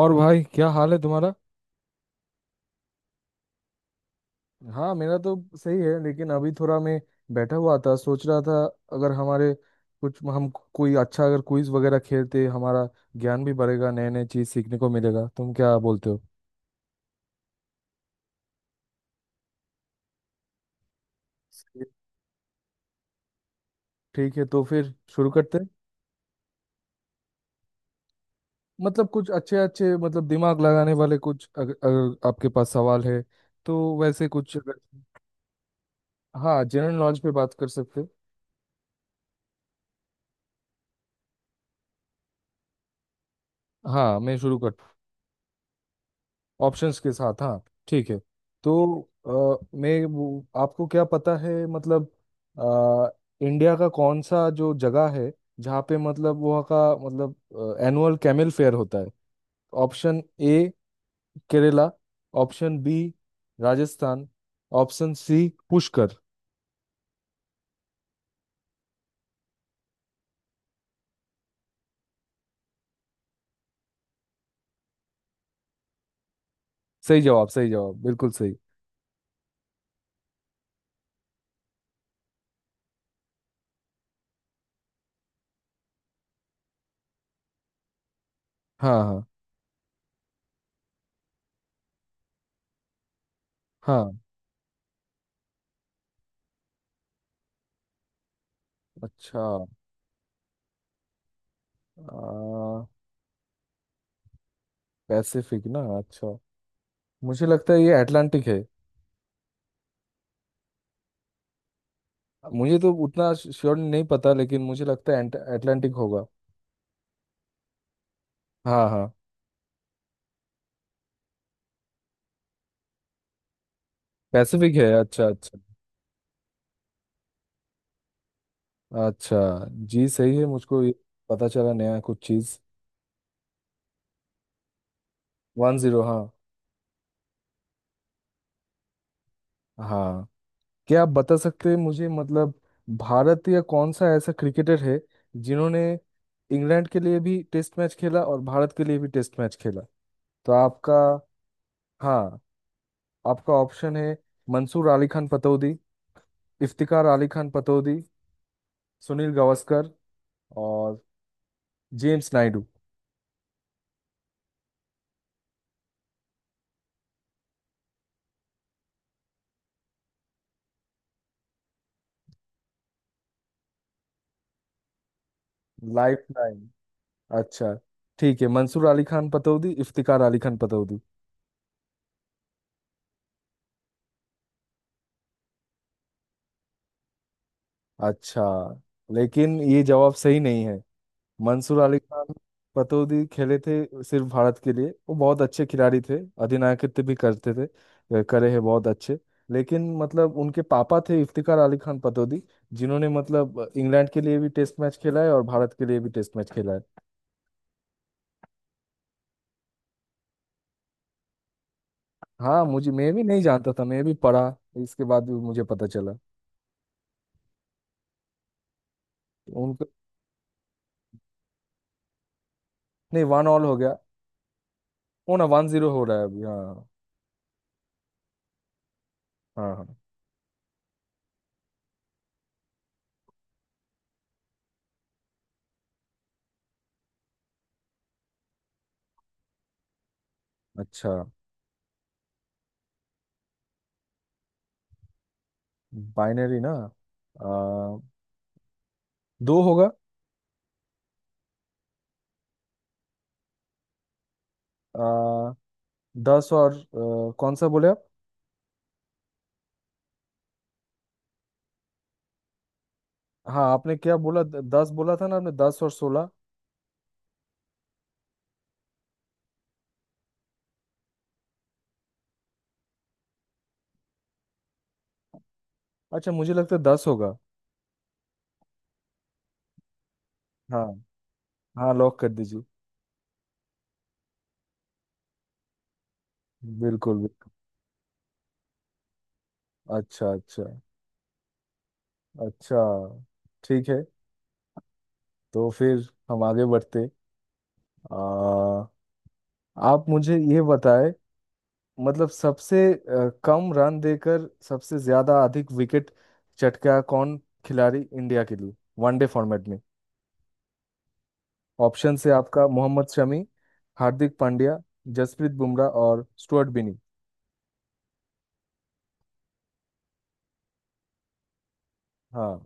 और भाई क्या हाल है तुम्हारा? हाँ, मेरा तो सही है लेकिन अभी थोड़ा मैं बैठा हुआ था, सोच रहा था अगर हमारे कुछ हम कोई अच्छा अगर क्विज वगैरह खेलते हमारा ज्ञान भी बढ़ेगा, नए नए चीज सीखने को मिलेगा। तुम क्या बोलते हो? सही। ठीक है, तो फिर शुरू करते हैं। मतलब कुछ अच्छे अच्छे मतलब दिमाग लगाने वाले कुछ अगर आपके पास सवाल है तो वैसे कुछ अगर। हाँ, जनरल नॉलेज पे बात कर सकते हैं। हाँ, मैं शुरू करता। ऑप्शंस के साथ हाँ। ठीक है। तो मैं आपको क्या पता है मतलब अ, इंडिया का कौन सा जो जगह है जहाँ पे मतलब वहाँ का मतलब एनुअल कैमल फेयर होता है? Option A Kerala, option B Rajasthan, option C Pushkar. सही जवाब, सही जवाब, बिल्कुल सही। हाँ, हाँ, हाँ। अच्छा। आ, पैसिफिक ना? अच्छा, मुझे लगता है ये अटलांटिक है। मुझे तो उतना श्योर नहीं पता, लेकिन मुझे लगता है अटलांटिक होगा। हाँ, हाँ। पैसिफिक है? अच्छा, अच्छा। अच्छा जी, सही है। मुझको ये पता चला नया कुछ चीज़। 1-0। हाँ, क्या आप बता सकते हैं मुझे मतलब भारत या कौन सा ऐसा क्रिकेटर है जिन्होंने इंग्लैंड के लिए भी टेस्ट मैच खेला और भारत के लिए भी टेस्ट मैच खेला? तो आपका। हाँ, आपका ऑप्शन है मंसूर अली खान पतौदी, इफ्तिकार अली खान पतौदी, सुनील गावस्कर और जेम्स नायडू। Lifeline? अच्छा, ठीक है, मंसूर अली खान पतौदी, इफ्तिकार अली खान पतौदी। अच्छा, लेकिन ये जवाब सही नहीं है। मंसूर अली खान पतौदी खेले थे सिर्फ भारत के लिए, वो बहुत अच्छे खिलाड़ी थे, अधिनायकत्व भी करते थे, करे हैं बहुत अच्छे। लेकिन मतलब उनके पापा थे इफ्तिकार अली खान पतौदी, जिन्होंने मतलब इंग्लैंड के लिए भी टेस्ट मैच खेला है और भारत के लिए भी टेस्ट मैच खेला है। हाँ मुझे, मैं भी नहीं जानता था, मैं भी पढ़ा इसके बाद भी मुझे पता चला उनका। नहीं, 1-1 हो गया। ओ ना, 1-0 हो रहा है अभी। हाँ, हाँ, हाँ। अच्छा। बाइनरी ना? आ, दो होगा। आ, दस और कौन सा बोले आप? हाँ, आपने क्या बोला? दस बोला था ना आपने, दस और सोलह। अच्छा, मुझे लगता है दस होगा। हाँ। हाँ, लॉक कर दीजिए। बिल्कुल, बिल्कुल। अच्छा, अच्छा। अच्छा, ठीक है, तो फिर हम आगे बढ़ते। आ, आप मुझे ये बताएं मतलब सबसे कम रन देकर सबसे ज्यादा अधिक विकेट चटका कौन खिलाड़ी इंडिया के लिए वनडे फॉर्मेट में? ऑप्शन से आपका मोहम्मद शमी, हार्दिक पांड्या, जसप्रीत बुमराह और स्टुअर्ट बिनी। हाँ।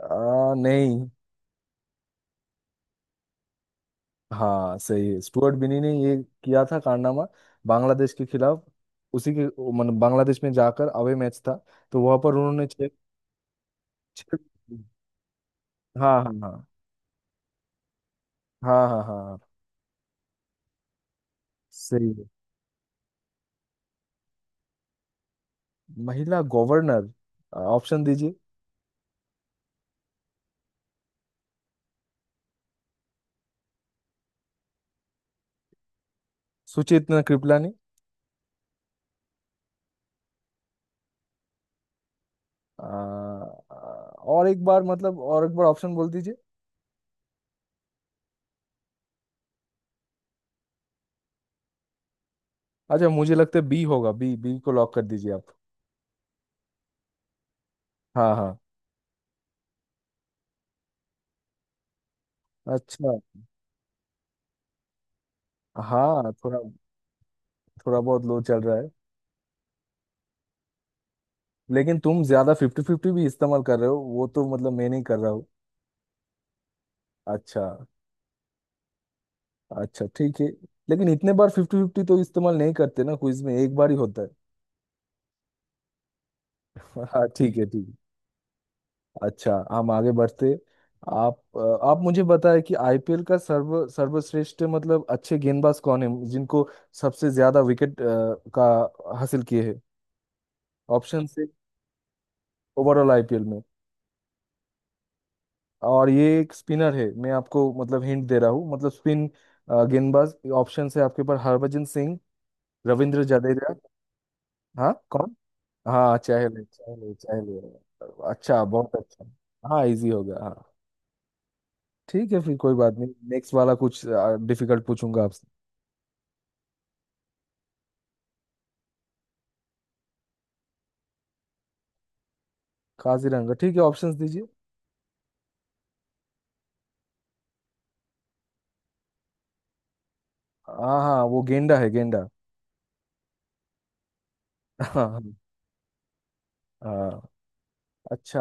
नहीं। हाँ, सही है, स्टुअर्ट बिनी ने ये किया था कारनामा, बांग्लादेश के खिलाफ। उसी के मतलब बांग्लादेश में जाकर अवे मैच था, तो वहां पर उन्होंने छह। छह- हाँ, हाँ, हाँ, हाँ। हाँ, हाँ, हाँ, सही है। महिला गवर्नर? ऑप्शन दीजिए। सुचेतना कृपलानी। अ, और एक बार मतलब और एक बार ऑप्शन बोल दीजिए। अच्छा, मुझे लगता है बी होगा। बी, बी को लॉक कर दीजिए आप। हाँ, हाँ। अच्छा। हाँ, थोड़ा। थोड़ा बहुत लो चल रहा है। लेकिन तुम ज्यादा फिफ्टी फिफ्टी भी इस्तेमाल कर रहे हो, वो तो मतलब मैं नहीं कर रहा हूँ। अच्छा। अच्छा, ठीक है। लेकिन इतने बार फिफ्टी फिफ्टी तो इस्तेमाल नहीं करते ना, क्विज में एक बार ही होता है। हाँ, ठीक है, ठीक। अच्छा, हम आगे बढ़ते। आप आप मुझे बताएं कि आईपीएल का सर्वश्रेष्ठ मतलब अच्छे गेंदबाज कौन है जिनको सबसे ज्यादा विकेट का हासिल किए हैं? ऑप्शन से। ओवरऑल आईपीएल में। और ये एक स्पिनर है, मैं आपको मतलब हिंट दे रहा हूँ, मतलब स्पिन गेंदबाज। ऑप्शन से आपके पास हरभजन सिंह, रविंद्र जडेजा। हाँ, कौन? हाँ, चहल है, चहल है। अच्छा, बहुत अच्छा। हाँ, इजी हो गया हाँ। ठीक है, फिर कोई बात नहीं, नेक्स्ट वाला कुछ डिफिकल्ट पूछूंगा आपसे। काजीरंगा? ठीक है, ऑप्शंस दीजिए। हाँ, हाँ, वो गेंडा है, गेंडा। हाँ, हाँ। हाँ। अच्छा,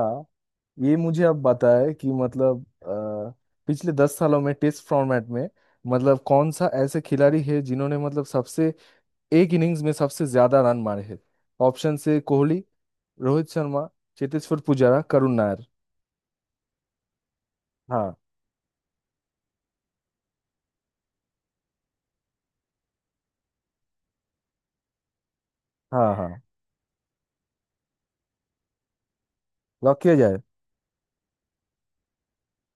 ये मुझे अब बताए कि मतलब पिछले 10 सालों में टेस्ट फॉर्मेट में मतलब कौन सा ऐसे खिलाड़ी है जिन्होंने मतलब सबसे एक इनिंग्स में सबसे ज्यादा रन मारे हैं? ऑप्शन से कोहली, रोहित शर्मा, चेतेश्वर पुजारा, करुण नायर। हाँ। हाँ। हाँ, लॉक किया जाए।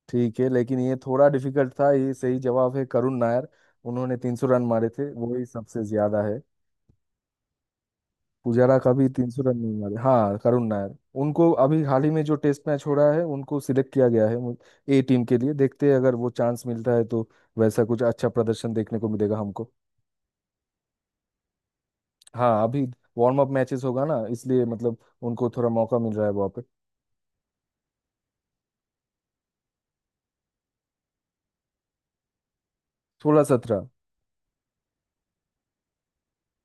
ठीक है, लेकिन ये थोड़ा डिफिकल्ट था। ये सही जवाब है करुण नायर, उन्होंने 300 रन मारे थे, वही सबसे ज्यादा है। पुजारा का भी 300 रन नहीं मारे। हाँ, करुण नायर। उनको अभी हाल ही में जो टेस्ट मैच हो रहा है उनको सिलेक्ट किया गया है ए टीम के लिए। देखते हैं अगर वो चांस मिलता है तो वैसा कुछ अच्छा प्रदर्शन देखने को मिलेगा हमको। हाँ, अभी वार्म अप मैचेस होगा ना, इसलिए मतलब उनको थोड़ा मौका मिल रहा है वहाँ पे। सोलह सत्रह।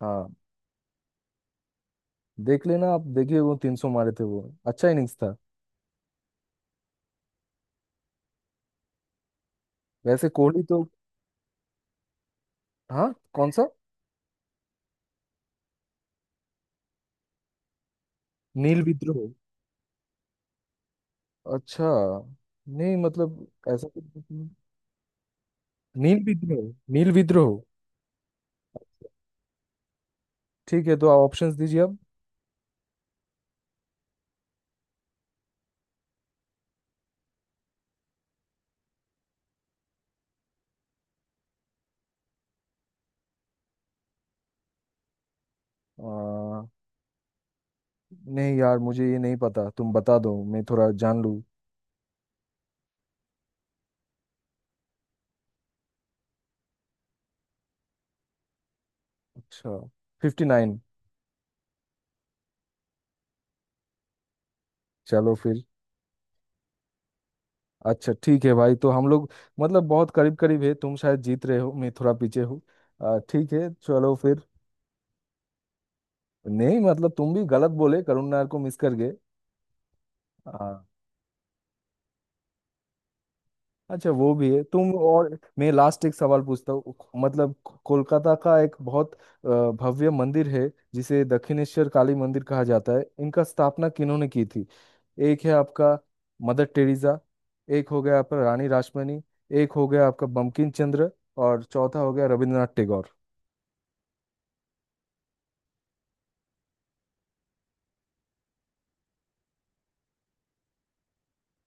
हाँ। देख लेना, आप देखिए, वो 300 मारे थे, वो अच्छा इनिंग्स था। वैसे कोहली तो। हाँ, कौन सा? नील विद्रोह? अच्छा, नहीं मतलब ऐसा कुछ नहीं। नील विद्रोह, नील विद्रोह। ठीक है, तो आप ऑप्शंस दीजिए अब। आ, नहीं यार, मुझे ये नहीं पता, तुम बता दो मैं थोड़ा जान लूँ। अच्छा। 59। चलो फिर। अच्छा, ठीक है भाई, तो हम लोग मतलब बहुत करीब करीब है, तुम शायद जीत रहे हो, मैं थोड़ा पीछे हूँ। ठीक है, चलो फिर। नहीं मतलब, तुम भी गलत बोले, करुण नायर को मिस कर गए। आ, अच्छा, वो भी है। तुम और मैं, लास्ट एक सवाल पूछता हूँ। मतलब कोलकाता का एक बहुत भव्य मंदिर है जिसे दक्षिणेश्वर काली मंदिर कहा जाता है, इनका स्थापना किन्होंने की थी? एक है आपका मदर टेरेसा, एक हो गया आपका रानी रासमणी, एक हो गया आपका बंकिम चंद्र, और चौथा हो गया रविंद्रनाथ टैगोर।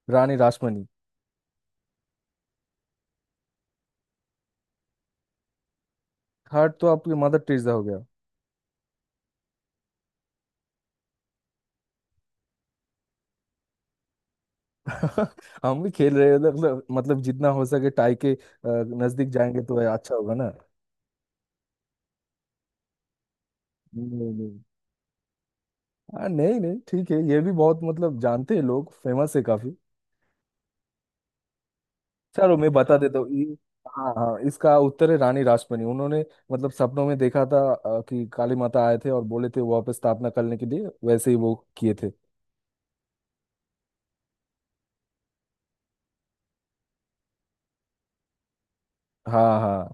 रानी रासमणी। थर्ड तो आपकी मदर टेरेसा हो गया। हम भी खेल रहे हैं, मतलब जितना हो सके टाई के नजदीक जाएंगे तो अच्छा होगा ना। नहीं, नहीं। हाँ, नहीं नहीं, ठीक है, ये भी बहुत मतलब जानते हैं लोग, फेमस है काफी। चलो, मैं बता देता हूँ ये। हाँ, हाँ, इसका उत्तर है रानी रासमणी। उन्होंने मतलब सपनों में देखा था कि काली माता आए थे और बोले थे वहाँ पे स्थापना करने के लिए, वैसे ही वो किए थे। हाँ, हाँ।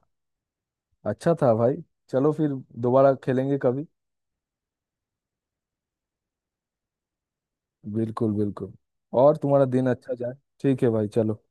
अच्छा था भाई, चलो फिर, दोबारा खेलेंगे कभी। बिल्कुल, बिल्कुल। और तुम्हारा दिन अच्छा जाए। ठीक है भाई, चलो।